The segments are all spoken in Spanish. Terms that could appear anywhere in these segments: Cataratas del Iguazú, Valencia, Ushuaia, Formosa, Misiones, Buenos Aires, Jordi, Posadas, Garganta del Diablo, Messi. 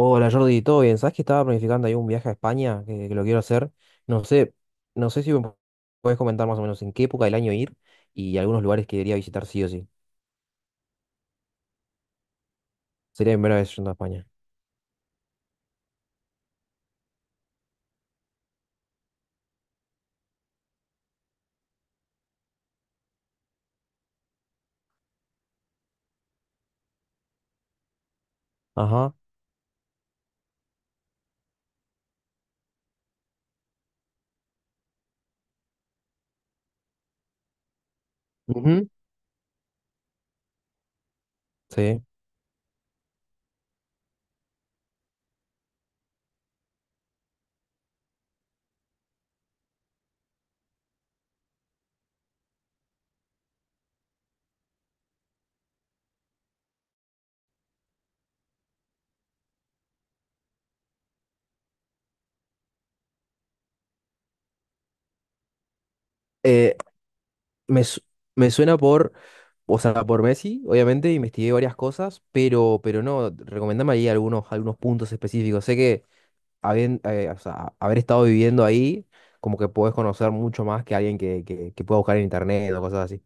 Hola Jordi, ¿todo bien? ¿Sabes que estaba planificando ahí un viaje a España que lo quiero hacer? No sé, no sé si me puedes comentar más o menos en qué época del año ir y algunos lugares que debería visitar sí o sí. Sería mi primera vez yendo a España. Ajá. Ujú. Sí. Eh, me, su- Me suena por, o sea, por Messi, obviamente, investigué varias cosas, pero no, recomendame ahí algunos puntos específicos. Sé que habiendo, o sea, haber estado viviendo ahí, como que podés conocer mucho más que alguien que pueda buscar en internet o cosas así.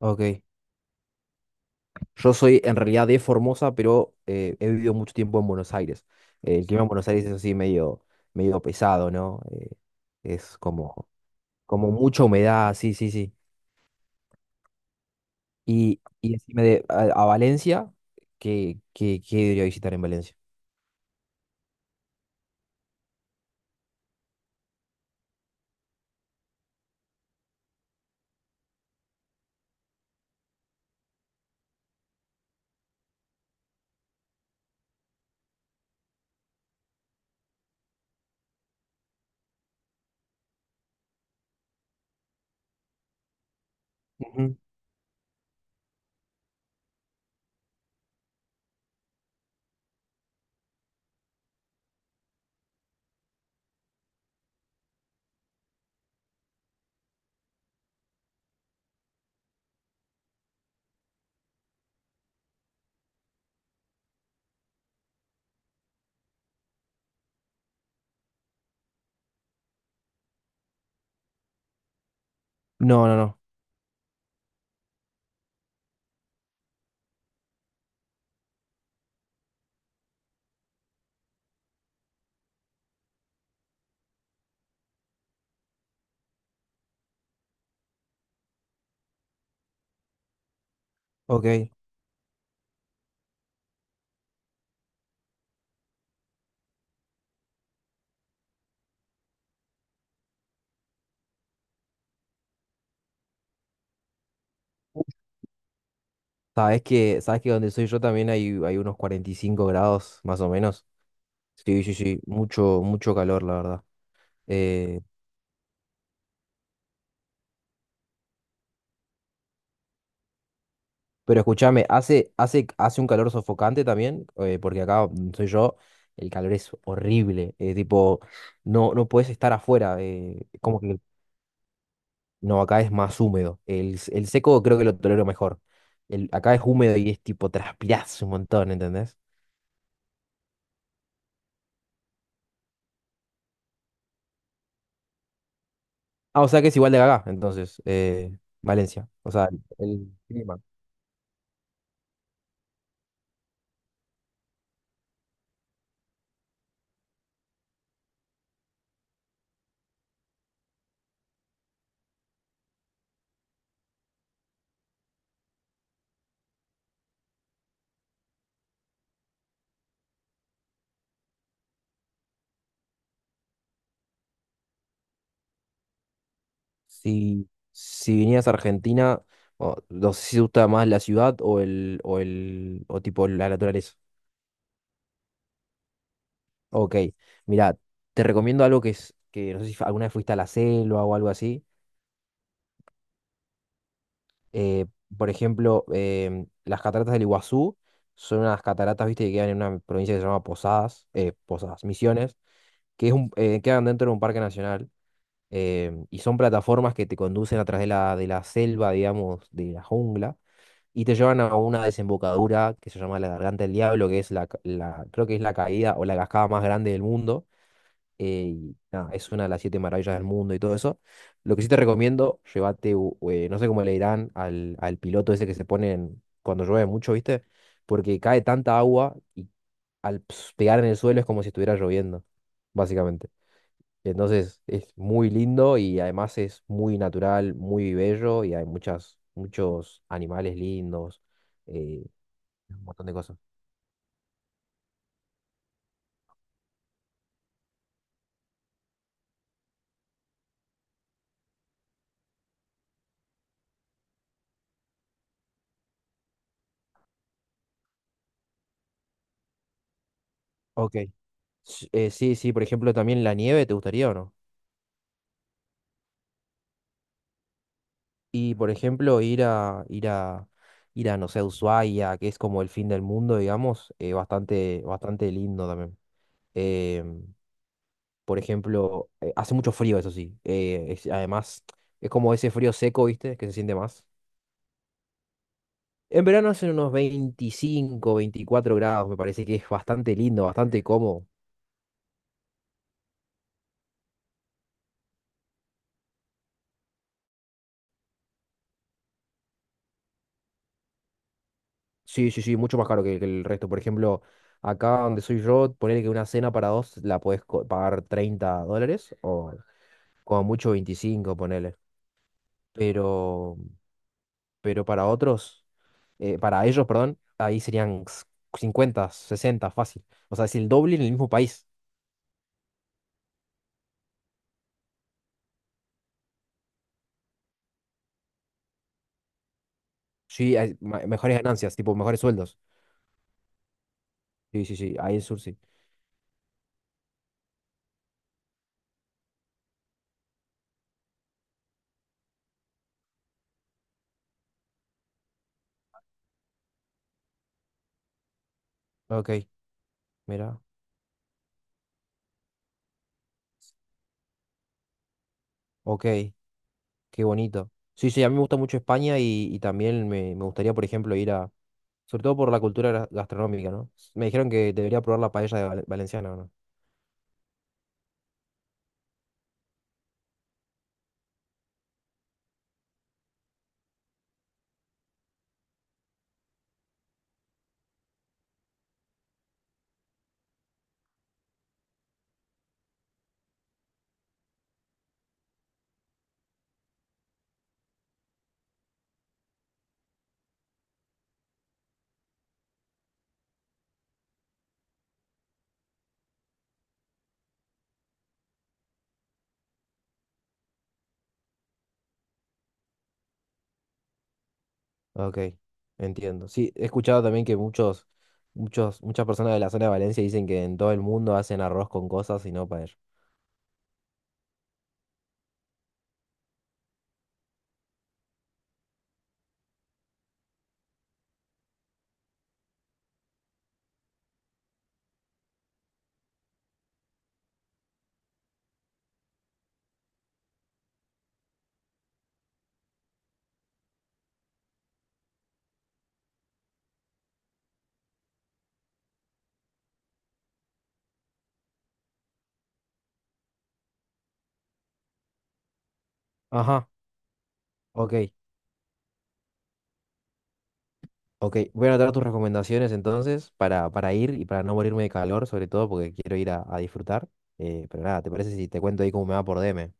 Ok. Yo soy en realidad de Formosa, pero he vivido mucho tiempo en Buenos Aires. El clima en Buenos Aires es así medio pesado, ¿no? Es como, como mucha humedad, sí, sí, sí. Y decime a Valencia, ¿qué debería visitar en Valencia? Ujú. No, no, no. Ok. Sabes que donde soy yo también hay unos 45 grados, más o menos. Sí, sí, sí. Mucho, mucho calor, la verdad. Eh, Pero escúchame, hace un calor sofocante también, porque acá donde soy yo, el calor es horrible. Tipo, no, no puedes estar afuera. Como que no, acá es más húmedo. El seco creo que lo tolero mejor. Acá es húmedo y es tipo, transpirás un montón, ¿entendés? Ah, o sea que es igual de acá, entonces, Valencia. O sea, el clima. Si, si vinieras a Argentina, o no sé si te gusta más la ciudad o tipo la naturaleza. Ok, mira, te recomiendo algo que es, que no sé si alguna vez fuiste a la selva o algo así. Eh, por ejemplo, las cataratas del Iguazú son unas cataratas, viste, que quedan en una provincia que se llama Posadas, Posadas, Misiones, que es un, quedan dentro de un parque nacional, y son plataformas que te conducen a través de la selva, digamos, de la jungla, y te llevan a una desembocadura que se llama la Garganta del Diablo, que es creo que es la caída o la cascada más grande del mundo. Y nada, es una de las siete maravillas del mundo y todo eso. Lo que sí te recomiendo, llévate, no sé cómo le dirán al piloto ese que se pone en- cuando llueve mucho, ¿viste? Porque cae tanta agua y al pegar en el suelo es como si estuviera lloviendo, básicamente. Entonces es muy lindo y además es muy natural, muy bello y hay muchos animales lindos, eh, un montón de cosas. Ok. Sí, sí, por ejemplo, también la nieve, ¿te gustaría o no? Y por ejemplo, no sé, Ushuaia, que es como el fin del mundo, digamos, bastante, bastante lindo también. Em, por ejemplo, hace mucho frío, eso sí. Además, es como ese frío seco, ¿viste? Que se siente más. En verano hacen unos 25, 24 grados, me parece que es bastante lindo, bastante cómodo. Sí, sí, sí, mucho más caro que el resto. Por ejemplo, acá donde soy yo, poner que una cena para dos la puedes pagar $30 o como mucho 25 ponele. pero, pero para otros, para ellos, perdón, ahí serían 50, 60, fácil. O sea, es el doble en el mismo país. Sí, hay mejores ganancias, tipo mejores sueldos. Sí, sí, sí, ahí en sur sí. Ok, mira, ok, qué bonito. Sí, sí, a mí me gusta mucho España y también me gustaría, por ejemplo, ir a, sobre todo por la cultura gastronómica, ¿no? Me dijeron que debería probar la paella de valenciana, ¿o ¿no? Ok, entiendo. Sí, he escuchado también que muchas personas de la zona de Valencia dicen que en todo el mundo hacen arroz con cosas y no paella. Ajá, ok, ok. Voy a anotar tus recomendaciones entonces para ir y para no morirme de calor, sobre todo porque quiero ir a disfrutar. Pero nada, ¿te parece si te cuento ahí cómo me va por DM?